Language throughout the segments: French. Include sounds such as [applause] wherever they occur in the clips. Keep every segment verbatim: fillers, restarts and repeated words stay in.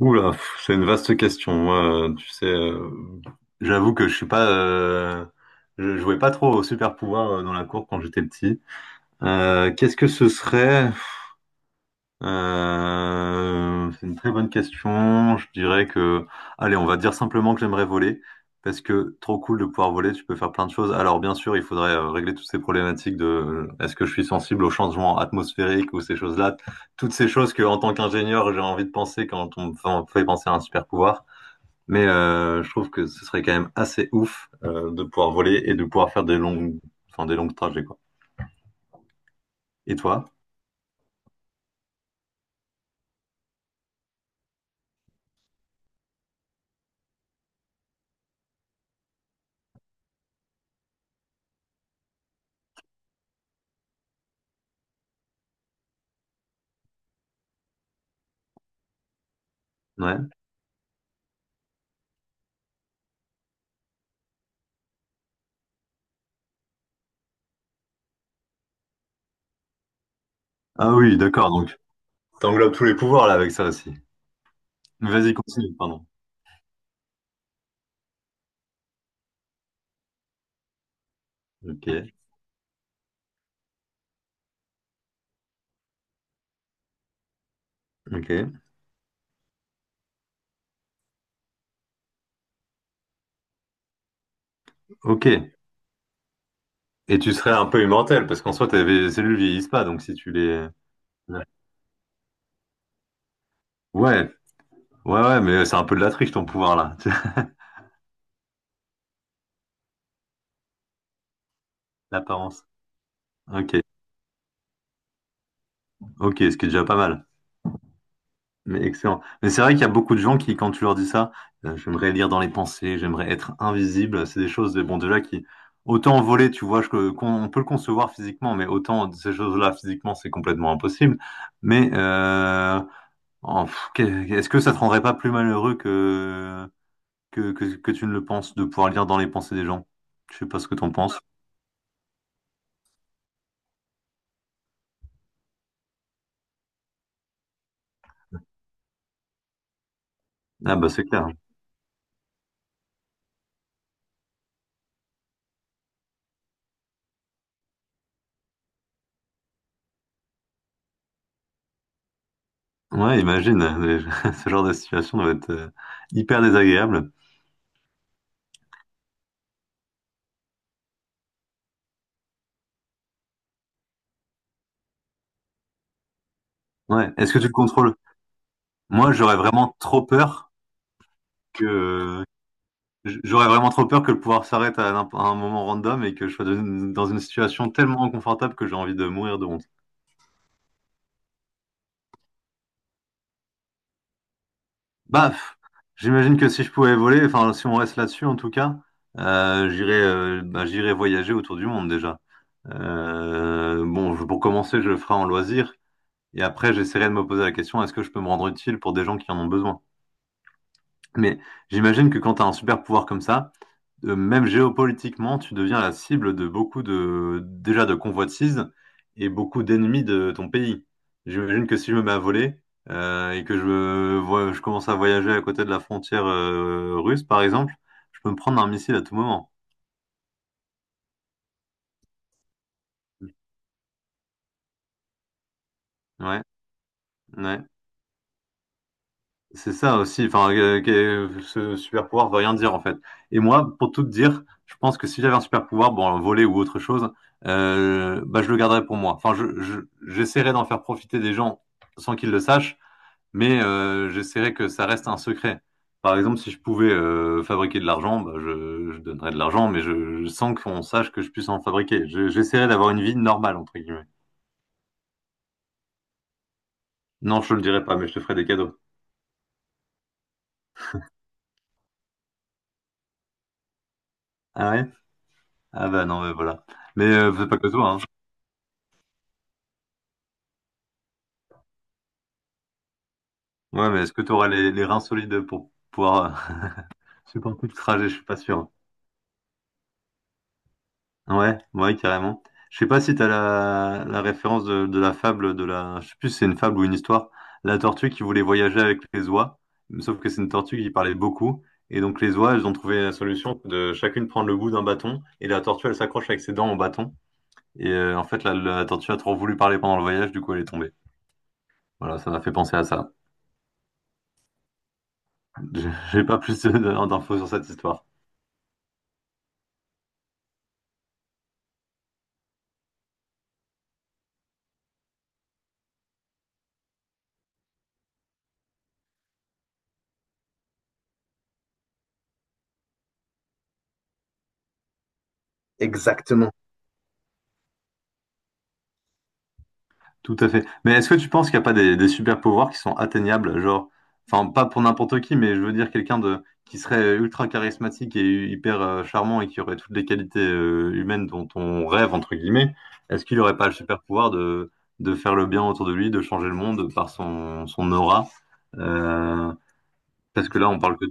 Oula, pff, c'est une vaste question. Moi, euh, tu sais, euh, j'avoue que je suis pas, euh, je jouais pas trop au super pouvoir euh, dans la cour quand j'étais petit. Euh, qu'est-ce que ce serait? Euh, c'est une très bonne question. Je dirais que, allez, on va dire simplement que j'aimerais voler parce que trop cool de pouvoir voler. Tu peux faire plein de choses. Alors bien sûr, il faudrait euh, régler toutes ces problématiques de, euh, est-ce que je suis sensible aux changements atmosphériques ou ces choses-là, toutes ces choses que, en tant qu'ingénieur, j'ai envie de penser quand on me fait penser à un super pouvoir. Mais euh, je trouve que ce serait quand même assez ouf euh, de pouvoir voler et de pouvoir faire des longues, enfin, des longs trajets, quoi. Et toi? Ouais. Ah oui, d'accord, donc t'englobes tous les pouvoirs là avec ça aussi. Vas-y, continue, pardon. Ok, ok, ok. Et tu serais un peu immortel, parce qu'en soi, tes cellules vieillissent pas, donc si tu les... Ouais, ouais, ouais, mais c'est un peu de la triche ton pouvoir là, [laughs] l'apparence. Ok, ok, ce qui est déjà pas mal. Mais excellent. Mais c'est vrai qu'il y a beaucoup de gens qui, quand tu leur dis ça, euh, j'aimerais lire dans les pensées, j'aimerais être invisible, c'est des choses, de, bon, déjà qui, autant voler, tu vois, je- qu'on on peut le concevoir physiquement, mais autant ces choses-là physiquement, c'est complètement impossible. Mais euh, en- pff, qu'est- est-ce que ça te rendrait pas plus malheureux que, que, que, que tu ne le penses de pouvoir lire dans les pensées des gens? Je sais pas ce que t'en penses. Ah bah c'est clair. Ouais, imagine, [laughs] ce genre de situation doit être euh, hyper désagréable. Ouais. Est-ce que tu le contrôles? Moi, j'aurais vraiment trop peur que J'aurais vraiment trop peur que le pouvoir s'arrête à, n'imp- à un moment random et que je sois dans une dans une situation tellement inconfortable que j'ai envie de mourir de honte. Baf! J'imagine que si je pouvais voler, enfin si on reste là-dessus en tout cas, euh, j'irais euh, bah, j'irais voyager autour du monde déjà. Euh, bon, je- pour commencer, je le ferai en loisir et après j'essaierai de me poser la question, est-ce que je peux me rendre utile pour des gens qui en ont besoin? Mais j'imagine que quand tu as un super pouvoir comme ça, euh, même géopolitiquement, tu deviens la cible de beaucoup de, déjà de convoitises et beaucoup d'ennemis de ton pays. J'imagine que si je me mets à voler euh, et que je, me vois- je commence à voyager à côté de la frontière euh, russe, par exemple, je peux me prendre un missile à tout moment. Ouais, ouais. C'est ça aussi. Enfin, euh, que- ce super pouvoir veut rien dire en fait. Et moi, pour tout te dire, je pense que si j'avais un super pouvoir, bon, voler ou autre chose, euh, bah, je le garderais pour moi. Enfin, je, je- j'essaierais d'en faire profiter des gens sans qu'ils le sachent, mais euh, j'essaierais que ça reste un secret. Par exemple, si je pouvais euh, fabriquer de l'argent, bah, je, je donnerais de l'argent, mais je, je- sans qu'on sache que je puisse en fabriquer. Je- j'essaierais d'avoir une vie normale entre guillemets. Non, je te le dirais pas, mais je te ferai des cadeaux. Ah ouais? Ah bah non, mais voilà. Mais euh, fais pas que toi, hein. Ouais, mais est-ce que tu auras les, les reins solides pour pouvoir euh, [laughs] supporter le trajet? Je suis pas sûr. Ouais, ouais, carrément. Je sais pas si t'as la, la référence de, de la fable de la, je sais plus si c'est une fable ou une histoire, la tortue qui voulait voyager avec les oies, sauf que c'est une tortue qui parlait beaucoup, et donc les oies, elles ont trouvé la solution de chacune prendre le bout d'un bâton, et la tortue, elle s'accroche avec ses dents au bâton, et euh, en fait, la, la tortue a trop voulu parler pendant le voyage, du coup, elle est tombée. Voilà, ça m'a fait penser à ça. [laughs] J'ai j'ai pas plus de- d'infos sur cette histoire. Exactement. Tout à fait. Mais est-ce que tu penses qu'il n'y a pas des, des super pouvoirs qui sont atteignables, genre, enfin pas pour n'importe qui, mais je veux dire quelqu'un de qui serait ultra charismatique et hyper euh, charmant et qui aurait toutes les qualités euh, humaines dont on rêve entre guillemets. Est-ce qu'il n'aurait pas le super pouvoir de de faire le bien autour de lui, de changer le monde par son son aura? Euh, parce que là, on parle que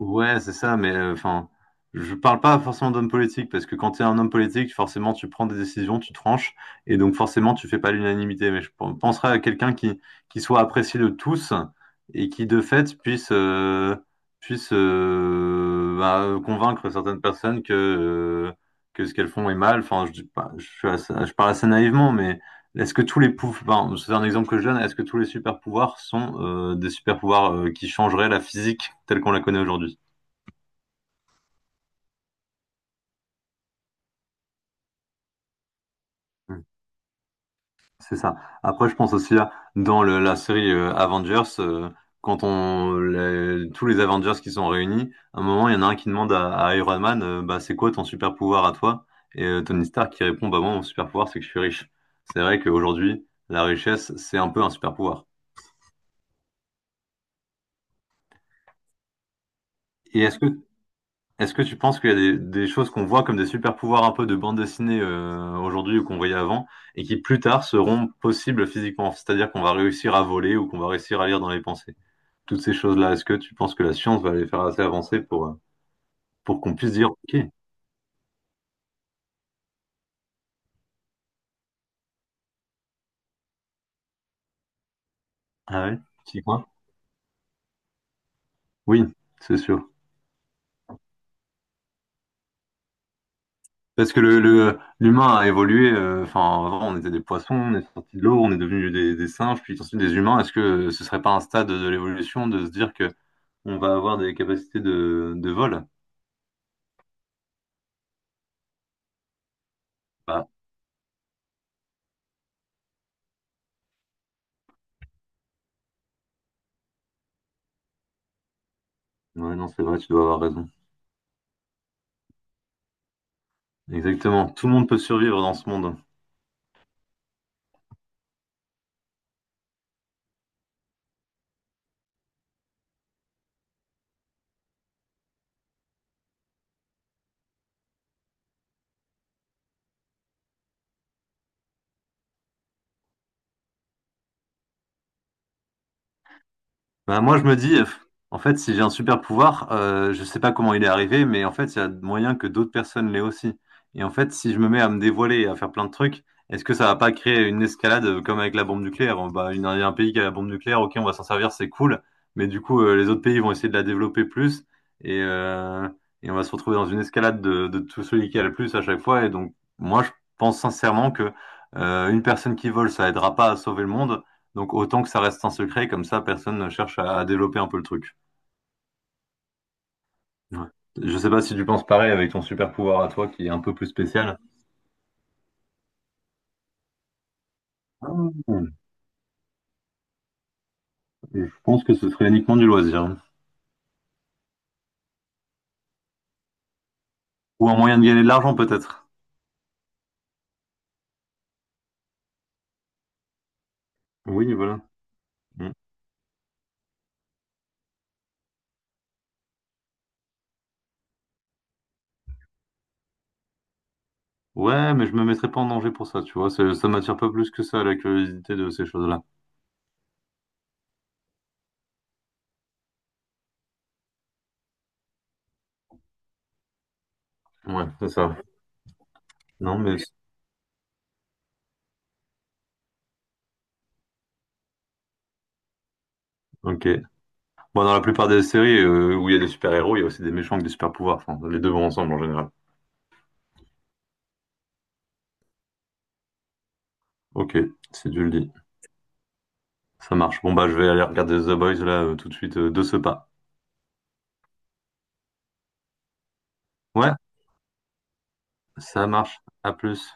Ouais, c'est ça, mais euh, enfin, je parle pas forcément d'homme politique, parce que quand tu es un homme politique, forcément, tu prends des décisions, tu tranches, et donc forcément, tu fais pas l'unanimité. Mais je pen- penserais à quelqu'un qui, qui soit apprécié de tous et qui, de fait, puisse, euh, puisse euh, bah, convaincre certaines personnes que, euh, que ce qu'elles font est mal. Enfin, je dis pas, je suis assez- je parle assez naïvement, mais est-ce que tous les pouvoirs, enfin, c'est un exemple que je donne, est-ce que tous les super pouvoirs sont euh, des super pouvoirs euh, qui changeraient la physique telle qu'on la connaît aujourd'hui? Mm. C'est ça. Après, je pense aussi à- dans le- la série euh, Avengers, euh, quand on les- tous les Avengers qui sont réunis, à un moment, il y en a un qui demande à, à Iron Man, euh, bah, c'est quoi ton super pouvoir à toi? Et euh, Tony Stark qui répond, bah moi, mon super pouvoir, c'est que je suis riche. C'est vrai qu'aujourd'hui, la richesse, c'est un peu un super pouvoir. Et est-ce que Est-ce que tu penses qu'il y a des, des choses qu'on voit comme des super pouvoirs un peu de bande dessinée euh, aujourd'hui ou qu'on voyait avant et qui plus tard seront possibles physiquement? C'est-à-dire qu'on va réussir à voler ou qu'on va réussir à lire dans les pensées? Toutes ces choses-là. Est-ce que tu penses que la science va les faire assez avancer pour, euh, pour qu'on puisse dire, OK, ah ouais, tu y crois? Oui, c'est sûr. Parce que le, le- l'humain a évolué. euh, Enfin, avant, on était des poissons, on est sorti de l'eau, on est devenu des, des singes, puis ensuite des humains. Est-ce que ce serait pas un stade de l'évolution de se dire que on va avoir des capacités de, de vol? Bah, ouais, non, c'est vrai, tu dois avoir raison. Exactement. Tout le monde peut survivre dans ce monde. Bah, moi, je me dis, euh, en fait, si j'ai un super pouvoir, euh, je sais pas comment il est arrivé, mais en fait, il y a moyen que d'autres personnes l'aient aussi. Et en fait, si je me mets à me dévoiler et à faire plein de trucs, est-ce que ça va pas créer une escalade euh, comme avec la bombe nucléaire? Bon, bah, une- il y a un pays qui a la bombe nucléaire, ok, on va s'en servir, c'est cool, mais du coup, euh, les autres pays vont essayer de la développer plus et, euh, et on va se retrouver dans une escalade de, de tout celui qui a le plus à chaque fois. Et donc, moi, je pense sincèrement que euh, une personne qui vole, ça aidera pas à sauver le monde. Donc autant que ça reste un secret, comme ça personne ne cherche à, à développer un peu le truc. Ouais. Je sais pas si tu penses pareil avec ton super pouvoir à toi qui est un peu plus spécial. Ah, je pense que ce serait uniquement du loisir, hein. Ou un moyen de gagner de l'argent peut-être. Oui, voilà. Mm. Ouais, mais je me mettrais pas en danger pour ça, tu vois. Ça, ça m'attire pas plus que ça, la curiosité de ces choses-là. Ouais, c'est ça. Non, mais ok. Bon, dans la plupart des séries euh, où il y a des super-héros, il y a aussi des méchants avec des super-pouvoirs. Enfin, les deux vont ensemble en général. Ok, si tu le dis. Ça marche. Bon, bah, je vais aller regarder The Boys là euh, tout de suite euh, de ce pas. Ouais, ça marche. À plus.